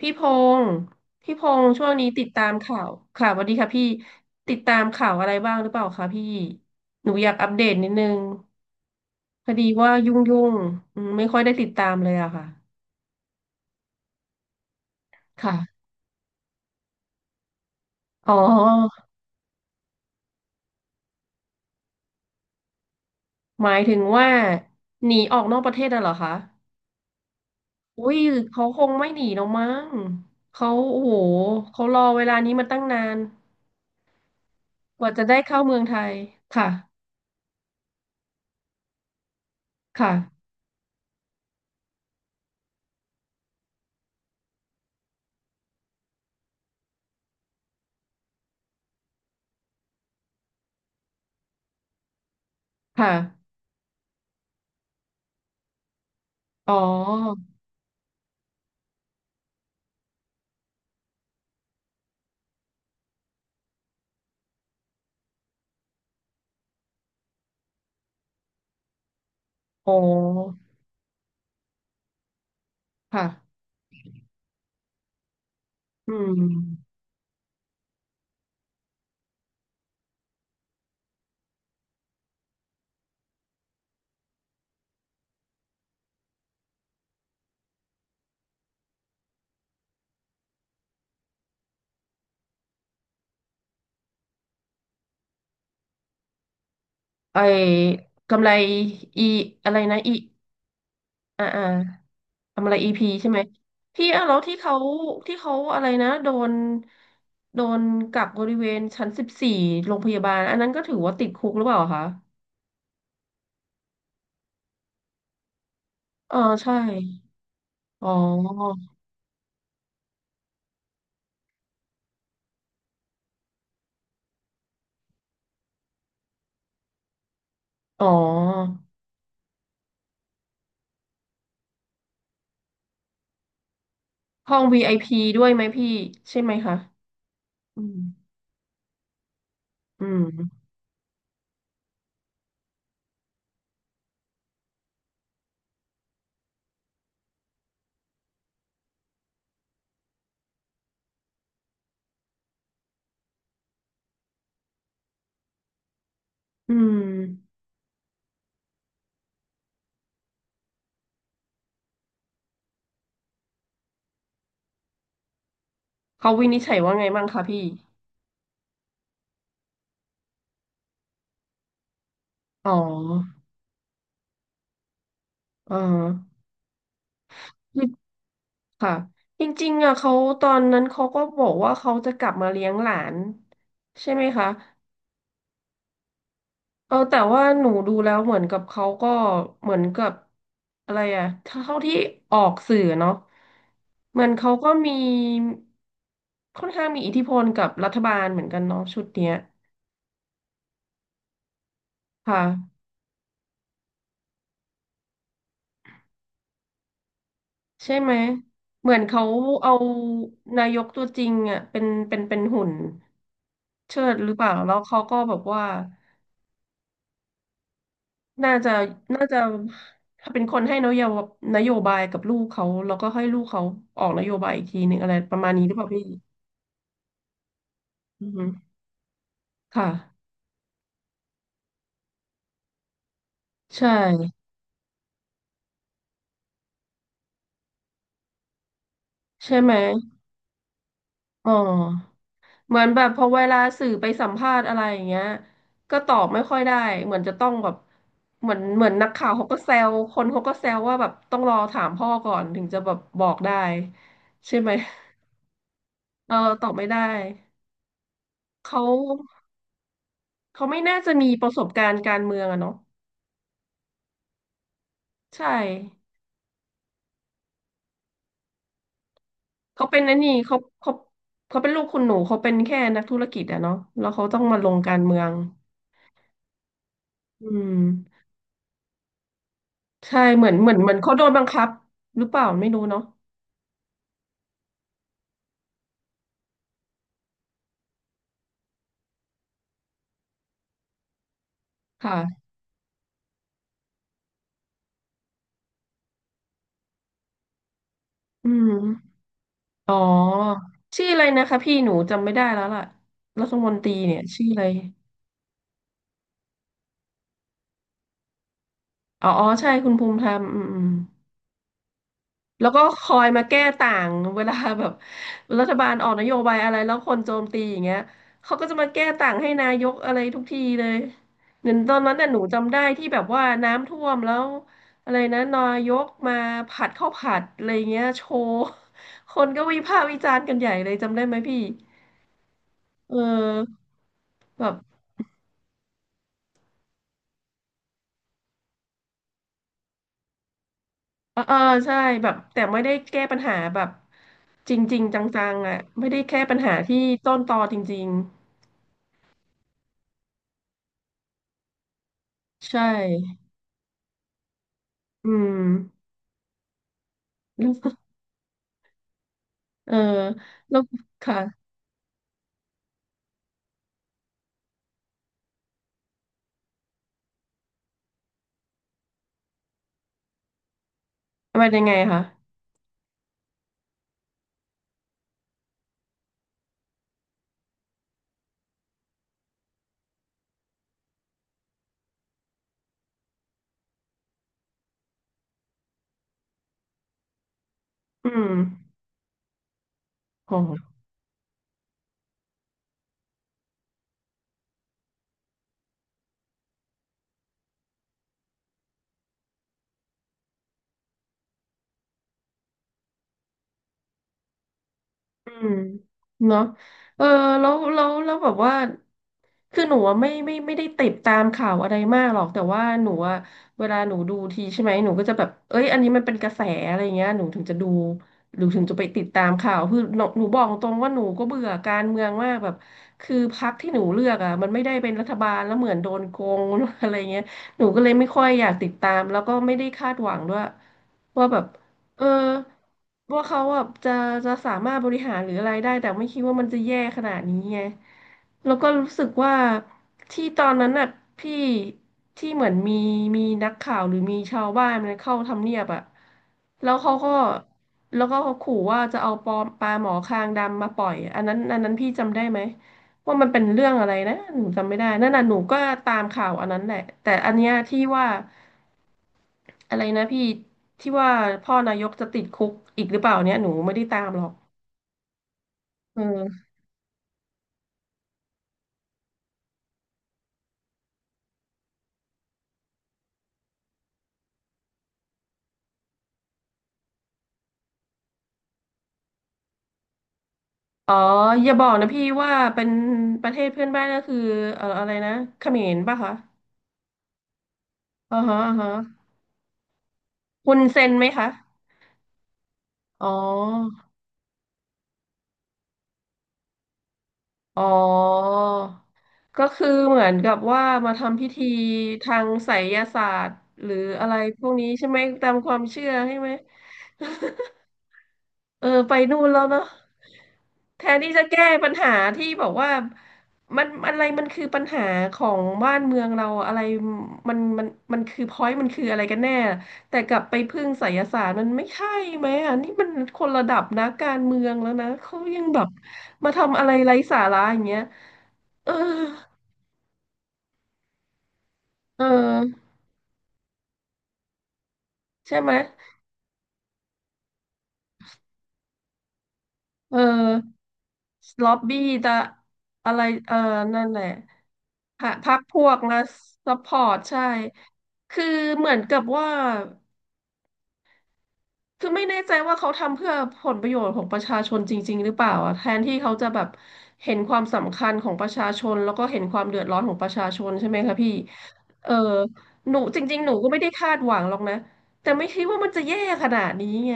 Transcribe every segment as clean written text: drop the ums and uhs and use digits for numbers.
พี่พงศ์พี่พงศ์ช่วงนี้ติดตามข่าวค่ะสวัสดีค่ะพี่ติดตามข่าวอะไรบ้างหรือเปล่าคะพี่หนูอยากอัปเดตนิดนึงพอดีว่ายุ่งไม่ค่อยได้ติดตามเลยอะค่ะค่ะอ๋อหมายถึงว่าหนีออกนอกประเทศน่ะเหรอคะอุ้ยเขาคงไม่หนีหรอกมั้งเขาโอ้โหเขารอเวลานี้มาตั้งนานกว่าจะได้เข้าเมืองไทยค่ะค่ะค่ะอ๋ออ๋อค่ะ อืมไอ้กำไรอีอะไรนะอีอ่าอ่ากำไรอีพีใช่ไหมที่อ่ะแล้วที่เขาที่เขาอะไรนะโดนโดนกักบริเวณชั้นสิบสี่โรงพยาบาลอันนั้นก็ถือว่าติดคุกหรือเปล่าคะเออใช่อ๋ออ๋อห้อง VIP ด้วยไหมพี่ใช่ไหมคะอืมอืมอืมเขาวินิจฉัยว่าไงบ้างคะพี่อ๋อเออ ค่ะจริงๆอ่ะเขาตอนนั้นเขาก็บอกว่าเขาจะกลับมาเลี้ยงหลานใช่ไหมคะเออแต่ว่าหนูดูแล้วเหมือนกับเขาก็เหมือนกับอะไรอ่ะถ้าเท่าที่ออกสื่อเนาะเหมือนเขาก็มีค่อนข้างมีอิทธิพลกับรัฐบาลเหมือนกันเนาะชุดเนี้ยค่ะใช่ไหมเหมือนเขาเอานายกตัวจริงอ่ะเป็นหุ่นเชิดหรือเปล่าแล้วเขาก็แบบว่า น่าจะน่าจะถ้าเป็นคนให้นโยบนโยบายกับลูกเขาแล้วก็ให้ลูกเขาออกนโยบายอีกทีหนึ่งอะไรประมาณนี้หรือเปล่าพี่อือฮึค่ะใช่ใช่ไหมอ๋อเหมือนแบบพอเวลาสื่อไปสัมภาษณ์อะไรอย่างเงี้ยก็ตอบไม่ค่อยได้เหมือนจะต้องแบบเหมือนนักข่าวเขาก็แซวคนเขาก็แซวว่าแบบต้องรอถามพ่อก่อนถึงจะแบบบอกได้ใช่ไหมเออตอบไม่ได้เขาเขาไม่น่าจะมีประสบการณ์การเมืองอะเนาะ ใช่เขาเป็นนนนี่เขาเขาเขาเป็นลูกคุณหนูเขาเป็นแค่นักธุรกิจอะเนาะแล้วเขาต้องมาลงการเมืองอืมใช่เหมือนเขาโดนบังคับหรือเปล่าไม่รู้เนาะค่ะอืมอ๋อชื่ออะไรนะคะพี่หนูจำไม่ได้แล้วล่ะรัฐมนตรีเนี่ยชื่ออะไรอ๋ออ๋อใช่คุณภูมิธรรมอืมอืม แล้วก็คอยมาแก้ต่างเวลาแบบรัฐบาลออกนโยบายอะไรแล้วคนโจมตีอย่างเงี้ยเขาก็จะมาแก้ต่างให้นายกอะไรทุกทีเลยเหมือนตอนนั้นน่ะหนูจำได้ที่แบบว่าน้ำท่วมแล้วอะไรนะนายกมาผัดข้าวผัดอะไรเงี้ยโชว์คนก็วิพากษ์วิจารณ์กันใหญ่เลยจำได้ไหมพี่เออแบบเออเออใช่แบบแต่ไม่ได้แก้ปัญหาแบบจริงๆจังๆอ่ะไม่ได้แก้ปัญหาที่ต้นตอจริงๆใช่อืม แล้วเออแล้วค่ะเป็นยังไงคะอืมโห อืมเนาะเออแล้วแบบว่าคือหนูอะไม่ได้ติดตามข่าวอะไรมากหรอกแต่ว่าหนูอะเวลาหนูดูทีใช่ไหมหนูก็จะแบบเอ้ยอันนี้มันเป็นกระแสอะไรเงี้ยหนูถึงจะดูหรือถึงจะไปติดตามข่าวคือหนูบอกตรงว่าหนูก็เบื่อการเมืองมากแบบคือพรรคที่หนูเลือกอ่ะมันไม่ได้เป็นรัฐบาลแล้วเหมือนโดนโกง อะไรเงี้ยหนูก็เลยไม่ค่อยอยากติดตามแล้วก็ไม่ได้คาดหวังด้วยว่าแบบ เออว่าเขาแบบจะจะสามารถบริหารหรืออะไรได้แต่ไม่คิดว่ามันจะแย่ขนาดนี้ไงแล้วก็รู้สึกว่าที่ตอนนั้นน่ะพี่ที่เหมือนมีมีนักข่าวหรือมีชาวบ้านมันเข้าทำเนียบอะแล้วเขาก็แล้วก็เขาขู่ว่าจะเอาปอมปลาหมอคางดำมาปล่อยอันนั้นอันนั้นพี่จำได้ไหมว่ามันเป็นเรื่องอะไรนะหนูจำไม่ได้นั่นน่ะหนูก็ตามข่าวอันนั้นแหละแต่อันเนี้ยที่ว่า อะไรนะพี่ที่ว่าพ่อนายกจะติดคุกอีกหรือเปล่าเนี่ยหนูไม่ได้ตามหรอกเอออ๋ออย่าบอกนะพี่ว่าเป็นประเทศเพื่อนบ้านก็คืออะไรนะเขมรป่ะคะอ่าฮะอ่าฮะคุณเซ็นไหมคะอ๋ออ๋อก็คือเหมือนกับว่ามาทำพิธีทางไสยศาสตร์หรืออะไรพวกนี้ใช่ไหมตามความเชื่อใช่ไหม เออไปนู่นแล้วเนาะแทนที่จะแก้ปัญหาที่บอกว่ามันอะไรมันคือปัญหาของบ้านเมืองเราอะไรมันมันมันคือพอยต์มันคืออะไรกันแน่แต่กลับไปพึ่งไสยศาสตร์มันไม่ใช่ไหมอ่ะนี่มันคนระดับนะการเมืองแล้วนะเขายังแบบมาทำอะไรไร้สาระอย่างเงี้ยเออเออใช่ไหมเออ ล็อบบี้ตะอะไรเออนั่นแหละพรรพรรพวกนะซัพพอร์ตใช่คือเหมือนกับว่าคือไม่แน่ใจว่าเขาทำเพื่อผลประโยชน์ของประชาชนจริงๆหรือเปล่าอะแทนที่เขาจะแบบเห็นความสำคัญของประชาชนแล้วก็เห็นความเดือดร้อนของประชาชนใช่ไหมคะพี่เออหนูจริงๆหนูก็ไม่ได้คาดหวังหรอกนะแต่ไม่คิดว่ามันจะแย่ขนาดนี้ไง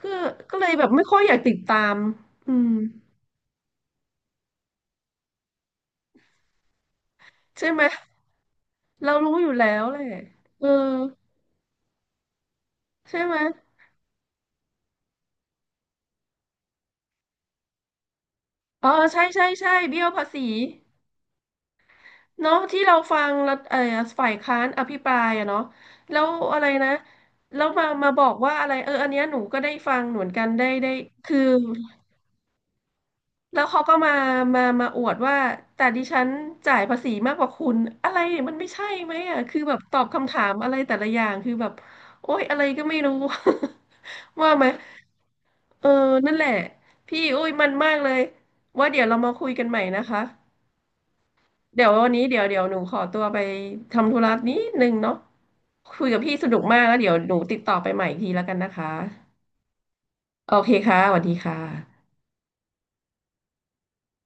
ก็ก็เลยแบบไม่ค่อยอยากติดตามอืมใช่ไหม เรารู้อยู่แล้วแหละเออใช่ไหมอ๋อใช่ใช่ใช่เบี้ยวภาษีเนาะที่เราฟังรัฐเออฝ่ายค้านอภิปรายอะเนาะแล้วอะไรนะแล้วมามาบอกว่าอะไรเอออันเนี้ยหนูก็ได้ฟังเหมือนกันได้ได้คือ แล้วเขาก็มามาอวดว่าแต่ดิฉันจ่ายภาษีมากกว่าคุณอะไรมันไม่ใช่ไหมอ่ะคือแบบตอบคำถามอะไรแต่ละอย่างคือแบบโอ๊ยอะไรก็ไม่รู้ ว่าไหมเออนั่นแหละพี่อุ้ยมันมากเลยว่าเดี๋ยวเรามาคุยกันใหม่นะคะเดี๋ยววันนี้เดี๋ยวหนูขอตัวไปทำธุระนิดนึงเนาะคุยกับพี่สนุกมากแล้วเดี๋ยวหนูติดต่อไปใหม่อีกทีแล้วกันนะคะโอเคค่ะสวัสดีค่ะ